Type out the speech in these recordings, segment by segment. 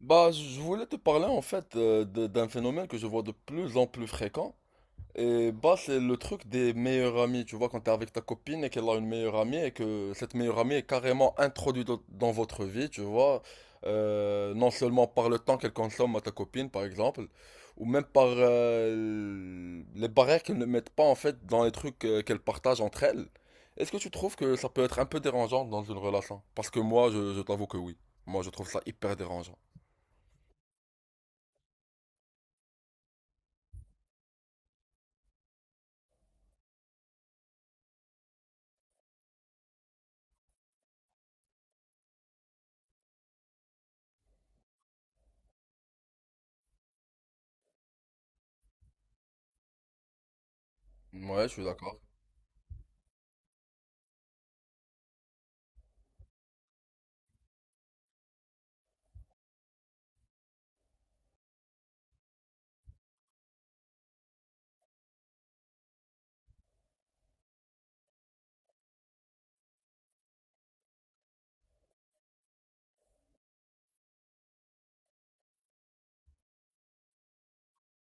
Bah, je voulais te parler en fait d'un phénomène que je vois de plus en plus fréquent. Et bah, c'est le truc des meilleurs amis. Tu vois, quand t'es avec ta copine et qu'elle a une meilleure amie et que cette meilleure amie est carrément introduite dans votre vie, tu vois. Non seulement par le temps qu'elle consomme à ta copine, par exemple, ou même par les barrières qu'elle ne mettent pas en fait dans les trucs qu'elle partage entre elles. Est-ce que tu trouves que ça peut être un peu dérangeant dans une relation? Parce que moi, je t'avoue que oui. Moi, je trouve ça hyper dérangeant. Ouais, je suis d'accord.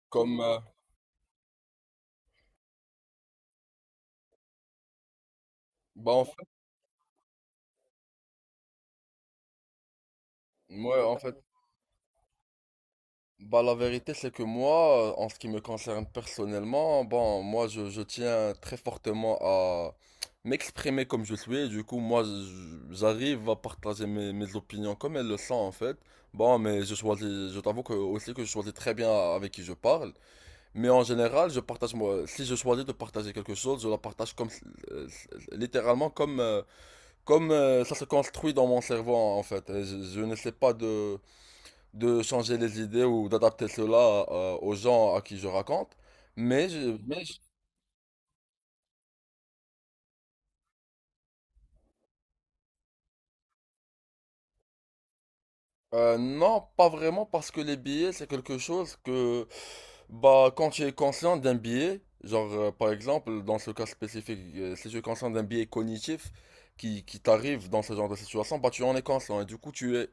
Comme, bah en fait, moi, en fait, bah la vérité, c'est que moi, en ce qui me concerne personnellement, bon, moi, je tiens très fortement à m'exprimer comme je suis. Du coup, moi, j'arrive à partager mes opinions comme elles le sont, en fait. Bon, mais je t'avoue que aussi que je choisis très bien avec qui je parle. Mais en général, je partage moi, si je choisis de partager quelque chose, je la partage euh, littéralement comme, euh, Comme ça se construit dans mon cerveau en fait, et je n'essaie pas de changer les idées ou d'adapter cela aux gens à qui je raconte, mais non, pas vraiment parce que les billets c'est quelque chose que bah, quand tu es conscient d'un biais, par exemple, dans ce cas spécifique, si tu es conscient d'un biais cognitif qui t'arrive dans ce genre de situation, bah tu en es conscient et du coup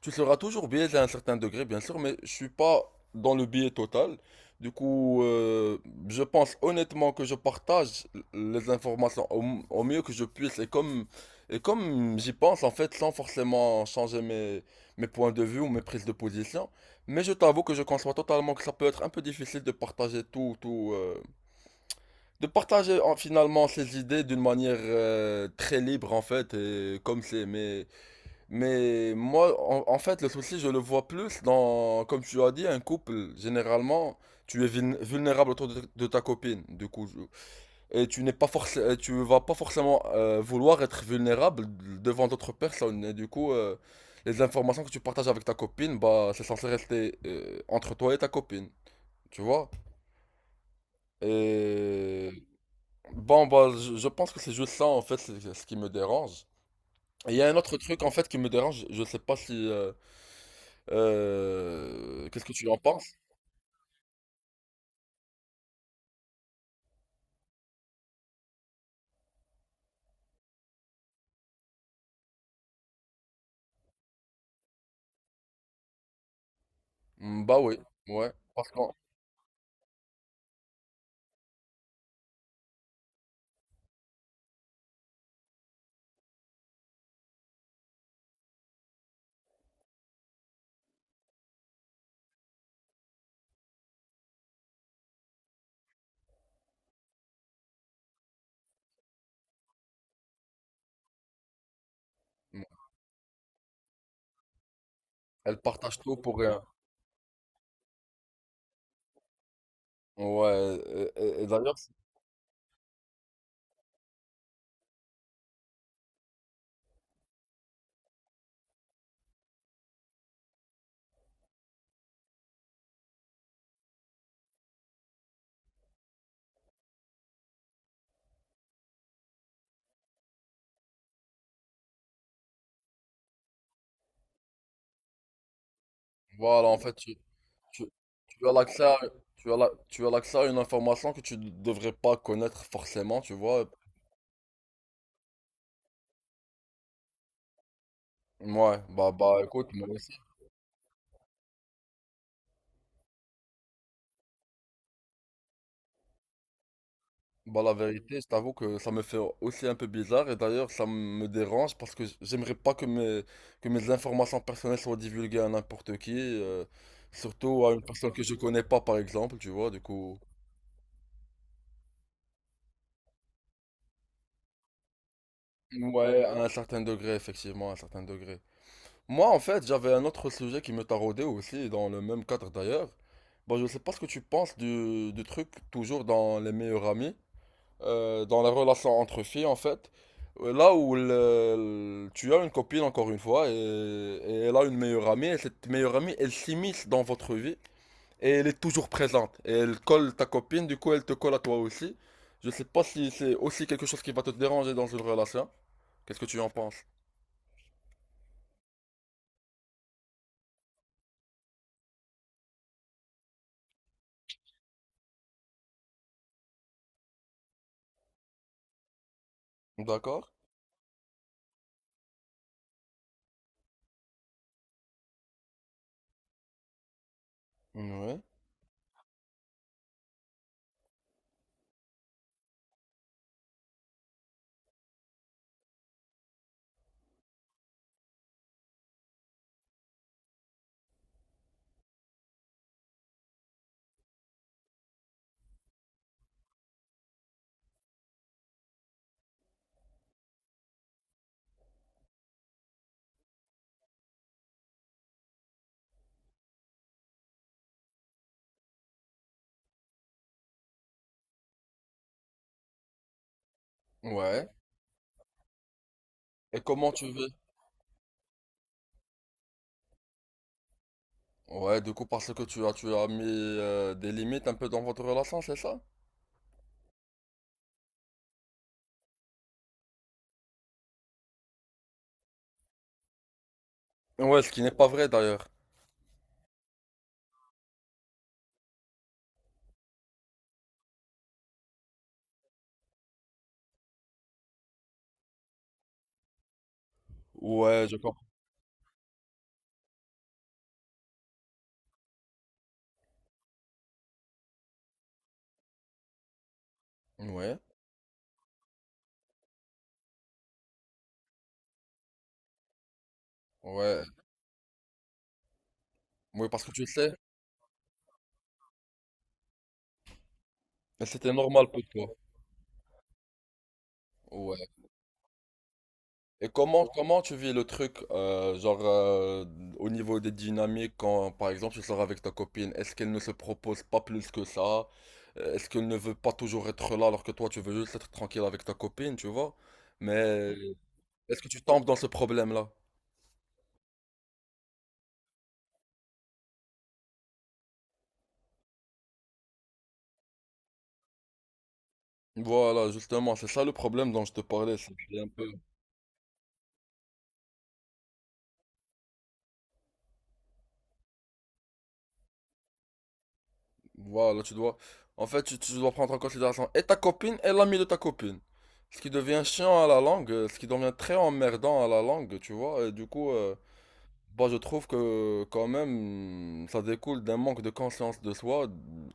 tu seras toujours biaisé à un certain degré, bien sûr, mais je suis pas dans le biais total. Du coup, je pense honnêtement que je partage les informations au mieux que je puisse et comme j'y pense en fait, sans forcément changer mes points de vue ou mes prises de position. Mais je t'avoue que je conçois totalement que ça peut être un peu difficile de partager tout, tout, de partager en- finalement ses idées d'une manière très libre en fait, et comme c'est. Mais moi, en fait, le souci, je le vois plus dans, comme tu as dit, un couple. Généralement, tu es vulnérable autour de ta copine. Et tu n'es pas tu vas pas forcément vouloir être vulnérable devant d'autres personnes. Et du coup, les informations que tu partages avec ta copine, bah, c'est censé rester entre toi et ta copine. Tu vois? Et je pense que c'est juste ça, en fait, c'est ce qui me dérange. Et il y a un autre truc, en fait, qui me dérange. Je sais pas si. Qu'est-ce que tu en penses? Mm. Bah oui, ouais. Parce qu'elle partage tout pour rien. Ouais. Et d'ailleurs, voilà, en fait. Tu, Tu as l'accès à, tu as l'accès à une information que tu ne devrais pas connaître forcément, tu vois. Ouais, bah écoute, moi aussi. Bah la vérité, je t'avoue que ça me fait aussi un peu bizarre et d'ailleurs ça me dérange parce que j'aimerais pas que que mes informations personnelles soient divulguées à n'importe qui, surtout à une personne que je connais pas par exemple, tu vois, du coup. Ouais, à un certain degré, effectivement, à un certain degré. Moi, en fait, j'avais un autre sujet qui me taraudait aussi, dans le même cadre d'ailleurs. Bon, je sais pas ce que tu penses du truc, toujours dans les meilleurs amis, dans la relation entre filles, en fait. Là où tu as une copine, encore une fois, et elle a une meilleure amie, et cette meilleure amie, elle s'immisce dans votre vie, et elle est toujours présente. Et elle colle ta copine, du coup, elle te colle à toi aussi. Je sais pas si c'est aussi quelque chose qui va te déranger dans une relation. Qu'est-ce que tu en penses? D'accord? Ouais. Ouais. Et comment tu vis? Ouais, du coup, parce que tu as mis des limites un peu dans votre relation, c'est ça? Ouais, ce qui n'est pas vrai d'ailleurs. Ouais, je comprends. Ouais, ouais. Oui, parce que tu sais, c'était normal pour toi. Ouais. Et comment tu vis le truc, au niveau des dynamiques, quand, par exemple, tu sors avec ta copine, est-ce qu'elle ne se propose pas plus que ça? Est-ce qu'elle ne veut pas toujours être là alors que toi, tu veux juste être tranquille avec ta copine, tu vois? Mais Est-ce que tu tombes dans ce problème-là? Voilà, justement, c'est ça le problème dont je te parlais. C'est que un peu... Voilà, tu dois... En fait, tu dois prendre en considération et ta copine et l'ami de ta copine. Ce qui devient chiant à la langue, ce qui devient très emmerdant à la langue, tu vois. Et du coup, bah, je trouve que quand même, ça découle d'un manque de conscience de soi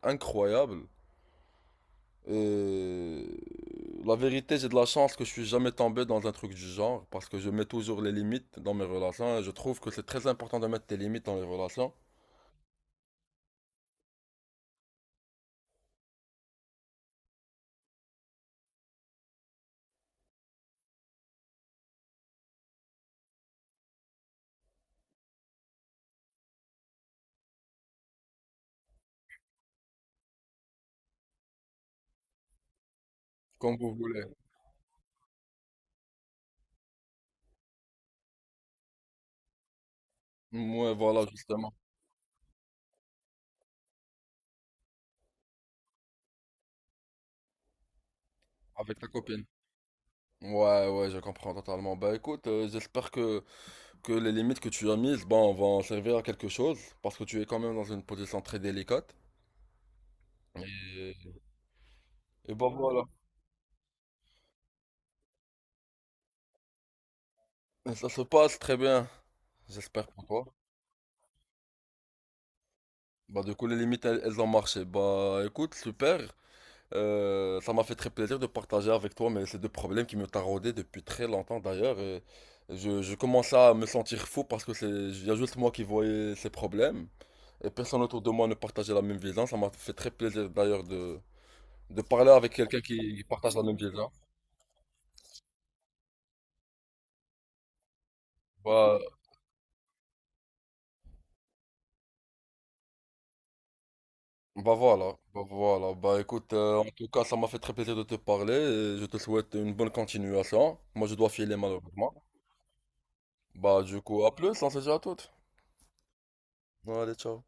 incroyable. Et la vérité, j'ai de la chance que je suis jamais tombé dans un truc du genre, parce que je mets toujours les limites dans mes relations. Et je trouve que c'est très important de mettre tes limites dans les relations. Comme vous voulez. Ouais, voilà, justement, avec ta copine. Ouais, ouais, je comprends totalement. Bah écoute, j'espère que les limites que tu as mises, bon, vont servir à quelque chose, parce que tu es quand même dans une position très délicate. Et, et bah voilà. Et ça se passe très bien, j'espère pour toi. Bah du coup, les limites, elles ont marché. Bah écoute, super. Ça m'a fait très plaisir de partager avec toi, mais ces deux problèmes qui me taraudaient depuis très longtemps d'ailleurs. Et je commençais à me sentir fou parce que c'est, il y a juste moi qui voyais ces problèmes. Et personne autour de moi ne partageait la même vision. Ça m'a fait très plaisir d'ailleurs de parler avec quelqu'un qui partage la même vision. Bah, Bah voilà. Bah écoute, en tout cas, ça m'a fait très plaisir de te parler et je te souhaite une bonne continuation. Moi, je dois filer malheureusement. Bah du coup, à plus, on se dit à toutes. Allez, ciao.